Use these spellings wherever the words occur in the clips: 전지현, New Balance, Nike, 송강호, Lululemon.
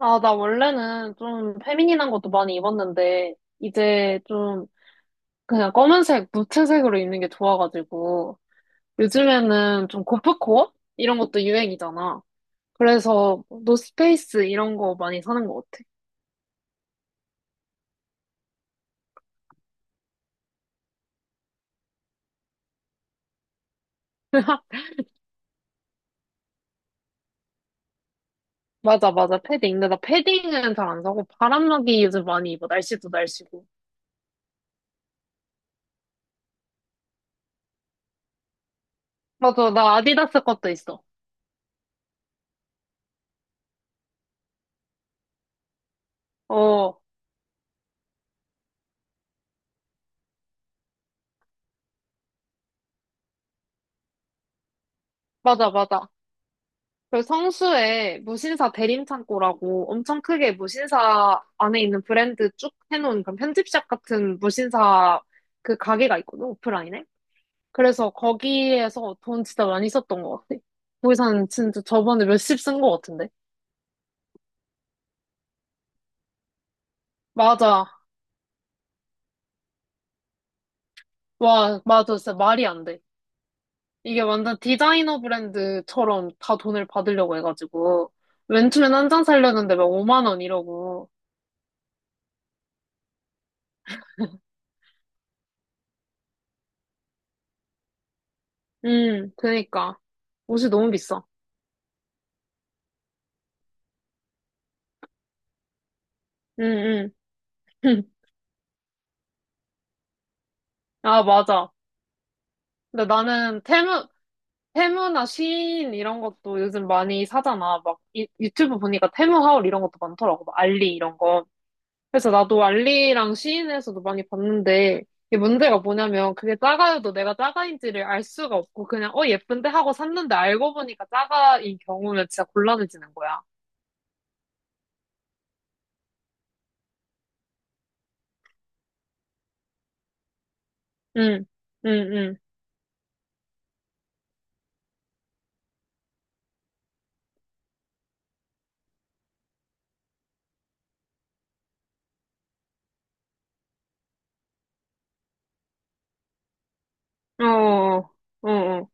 아, 나 원래는 좀 페미닌한 것도 많이 입었는데, 이제 좀 그냥 검은색, 무채색으로 입는 게 좋아가지고, 요즘에는 좀 고프코어? 이런 것도 유행이잖아. 그래서 뭐 노스페이스 이런 거 많이 사는 것 같아. 맞아, 맞아, 패딩. 근데 나 패딩은 잘 안 사고, 바람막이 요즘 많이 입어. 날씨도 날씨고. 맞아, 나 아디다스 것도 있어. 어, 맞아, 맞아. 그리고 성수에 무신사 대림창고라고 엄청 크게 무신사 안에 있는 브랜드 쭉 해놓은 그런 편집샵 같은 무신사 그 가게가 있거든, 오프라인에. 그래서 거기에서 돈 진짜 많이 썼던 것 같아. 거기서는 진짜 저번에 몇십 쓴 것 같은데. 맞아. 와, 맞아. 진짜 말이 안 돼. 이게 완전 디자이너 브랜드처럼 다 돈을 받으려고 해가지고. 맨투맨 한 장 사려는데 막 5만 원 이러고. 그니까. 옷이 너무 비싸. 응, 응. 아, 맞아. 근데 나는 테무, 테무나 시인 이런 것도 요즘 많이 사잖아. 막 유튜브 보니까 테무 하울 이런 것도 많더라고. 막 알리 이런 거. 그래서 나도 알리랑 시인에서도 많이 봤는데 이게 문제가 뭐냐면 그게 짜가요도 내가 짜가인지를 알 수가 없고 그냥 어 예쁜데 하고 샀는데 알고 보니까 짜가인 경우는 진짜 곤란해지는 거야. 응, 응, 응. 어, 어, 어. 어.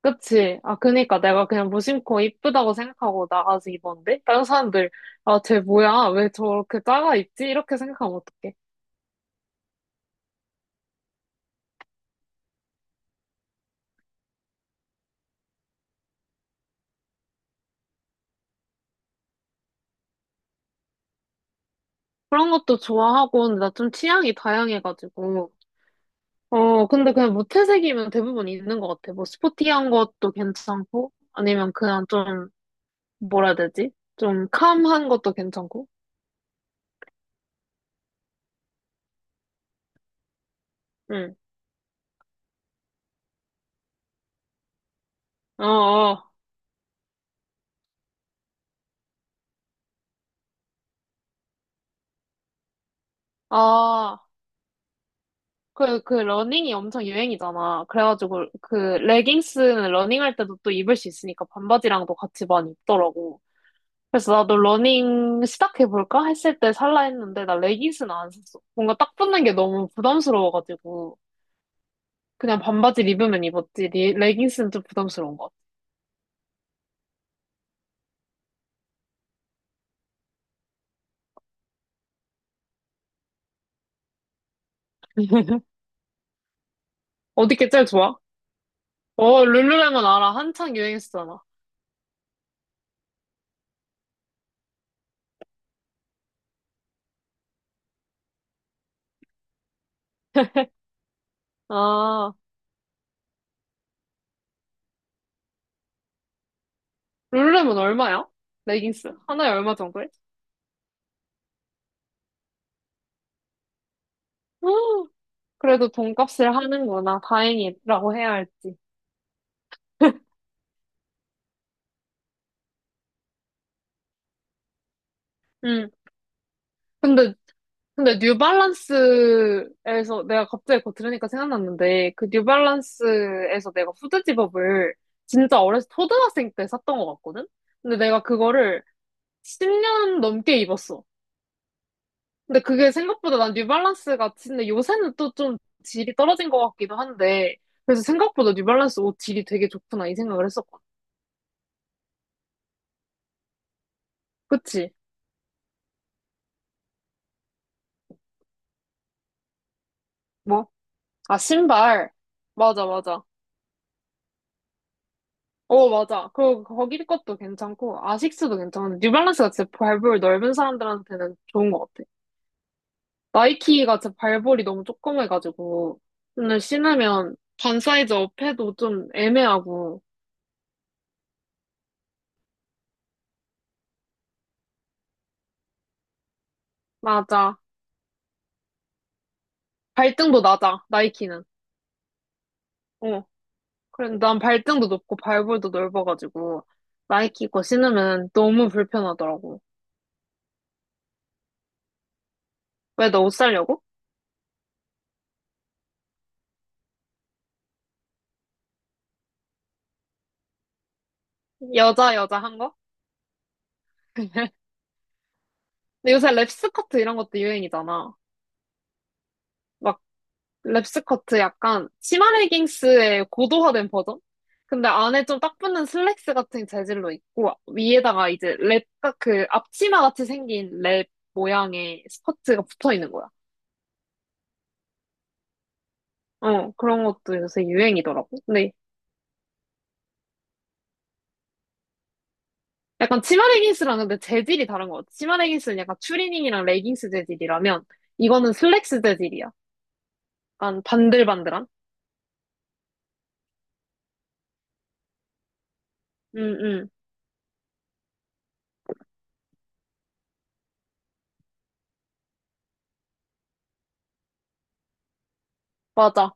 그치. 아, 그니까 내가 그냥 무심코 이쁘다고 생각하고 나가서 입었는데? 다른 사람들, 아, 쟤 뭐야? 왜 저렇게 작아 입지? 이렇게 생각하면 어떡해. 그런 것도 좋아하고, 근데 나 좀 취향이 다양해가지고. 어, 근데 그냥 무채색이면 대부분 있는 것 같아. 뭐, 스포티한 것도 괜찮고, 아니면 그냥 좀, 뭐라 해야 되지? 좀 캄한 것도 괜찮고. 응. 어, 어. 아. 그 러닝이 엄청 유행이잖아. 그래가지고 그 레깅스는 러닝할 때도 또 입을 수 있으니까 반바지랑도 같이 많이 입더라고. 그래서 나도 러닝 시작해볼까 했을 때 살라 했는데 나 레깅스는 안 샀어. 뭔가 딱 붙는 게 너무 부담스러워가지고 그냥 반바지 입으면 입었지. 레깅스는 좀 부담스러운 것 같아. 어디 게 제일 좋아? 어, 룰루레몬 알아. 한창 유행했었잖아. 아, 룰루레몬 얼마야? 레깅스 하나에 얼마 정도해? 그래도 돈값을 하는구나. 다행이라고 해야 할지. 음. 근데, 근데 뉴발란스에서 내가 갑자기 그거 들으니까 생각났는데, 그 뉴발란스에서 내가 후드 집업을 진짜 어렸을 때 초등학생 때 샀던 것 같거든? 근데 내가 그거를 10년 넘게 입었어. 근데 그게 생각보다 난 뉴발란스가, 근데 요새는 또 좀 질이 떨어진 것 같기도 한데, 그래서 생각보다 뉴발란스 옷 질이 되게 좋구나, 이 생각을 했었거든. 그치? 뭐? 아, 신발. 맞아, 맞아. 어, 맞아. 그리고 거기 것도 괜찮고, 아식스도 괜찮은데, 뉴발란스가 진짜 발볼 넓은 사람들한테는 좋은 것 같아. 나이키가 진짜 발볼이 너무 조그매가지고, 오늘 신으면 반 사이즈 업해도 좀 애매하고, 맞아. 발등도 낮아, 나이키는. 어. 그래, 난 발등도 높고 발볼도 넓어가지고, 나이키 거 신으면 너무 불편하더라고. 왜 너 옷 살려고? 여자, 여자 한 거? 근데 요새 랩 스커트 이런 것도 유행이잖아. 막 랩스커트 약간 치마 레깅스의 고도화된 버전? 근데 안에 좀 딱 붙는 슬랙스 같은 재질로 있고 위에다가 이제 랩, 딱 그 앞치마 같이 생긴 랩 모양의 스커트가 붙어 있는 거야. 어, 그런 것도 요새 유행이더라고. 근데 약간 치마 레깅스랑 근데 재질이 다른 것 같아. 치마 레깅스는 약간 추리닝이랑 레깅스 재질이라면 이거는 슬랙스 재질이야. 약간 반들반들한? 응, 응, 맞아.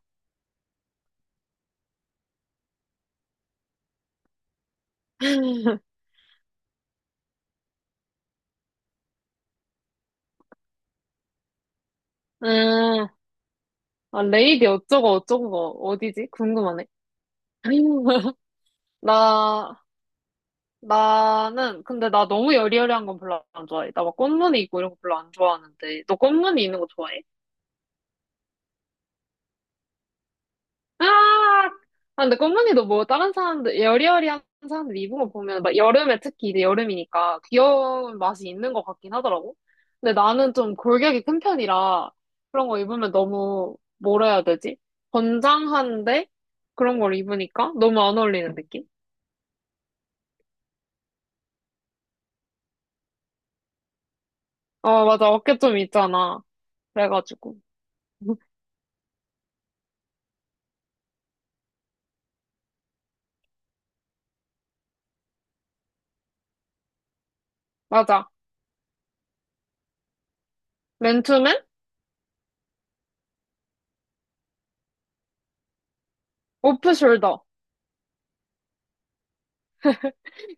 음, 아, 레이디 어쩌고 어쩌고가 어디지? 궁금하네. 나, 나는, 근데 나 너무 여리여리한 건 별로 안 좋아해. 나 막 꽃무늬 있고 이런 거 별로 안 좋아하는데. 너 꽃무늬 있는 거 좋아해? 아! 아, 근데 꽃무늬도 뭐 다른 사람들, 여리여리한 사람들 입은 거 보면 막 여름에 특히 이제 여름이니까 귀여운 맛이 있는 것 같긴 하더라고. 근데 나는 좀 골격이 큰 편이라 그런 거 입으면 너무, 뭐라 해야 되지? 건장한데? 그런 걸 입으니까 너무 안 어울리는 느낌? 어, 맞아. 어깨 좀 있잖아. 그래가지고. 맞아. 맨투맨? 오프숄더.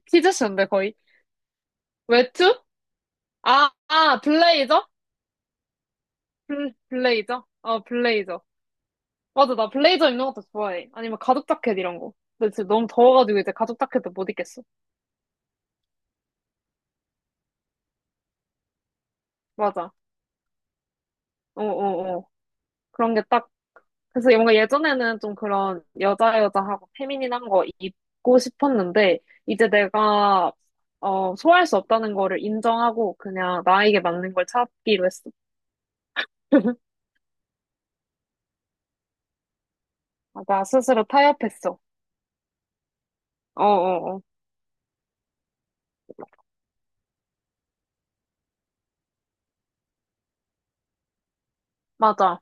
키즈쇼인데, 거의. 외투? 아, 아, 블레이저? 블레이저? 어, 블레이저. 맞아, 나 블레이저 입는 것도 좋아해. 아니면 가죽 자켓 이런 거. 근데 지금 너무 더워가지고 이제 가죽 자켓도 못 입겠어. 맞아. 어, 어, 어. 그런 게 딱. 그래서 뭔가 예전에는 좀 그런 여자 여자하고 페미닌한 거 입고 싶었는데, 이제 내가, 어, 소화할 수 없다는 거를 인정하고 그냥 나에게 맞는 걸 찾기로 했어. 나 스스로 타협했어. 어어어. 맞아.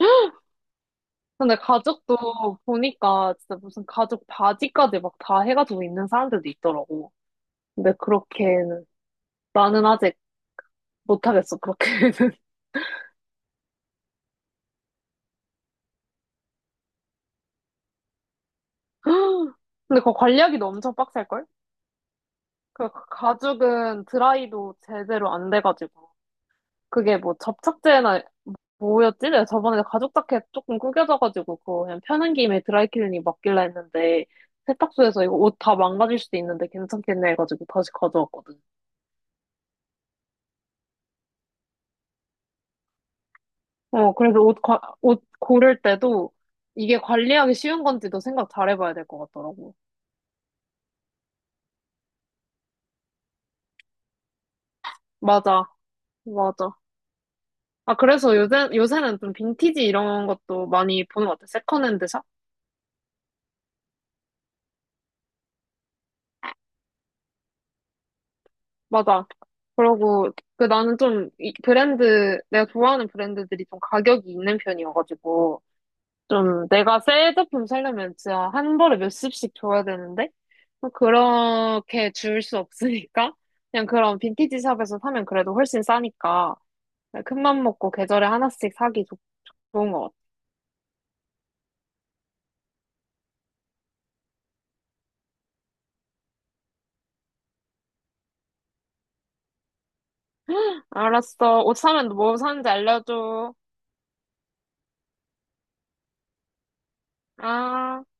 근데 가죽도 보니까 진짜 무슨 가죽 바지까지 막 다 해가지고 입는 사람들도 있더라고. 근데 그렇게는 나는 아직 못하겠어, 그렇게는. 근데 그거 관리하기도 엄청 빡셀걸? 그 가죽은 드라이도 제대로 안 돼가지고. 그게 뭐 접착제나 뭐였지? 내가 저번에 가죽 자켓 조금 구겨져가지고 그거 그냥 펴는 김에 드라이클리닝 맡길라 했는데 세탁소에서 이거 옷 다 망가질 수도 있는데 괜찮겠네 해가지고 다시 가져왔거든. 어, 그래서 옷 고를 때도 이게 관리하기 쉬운 건지도 생각 잘 해봐야 될 것 같더라고. 맞아, 맞아. 아, 그래서 요새는 좀 빈티지 이런 것도 많이 보는 것 같아. 세컨핸드 샵? 맞아. 그러고, 그 나는 좀 이 브랜드, 내가 좋아하는 브랜드들이 좀 가격이 있는 편이어가지고, 좀 내가 새 제품 사려면 진짜 한 벌에 몇십씩 줘야 되는데, 뭐 그렇게 줄 수 없으니까, 그냥 그런 빈티지 샵에서 사면 그래도 훨씬 싸니까, 네, 큰맘 먹고 계절에 하나씩 사기 좋은 것 같아. 알았어. 옷 사면 뭐 사는지 알려줘. 아.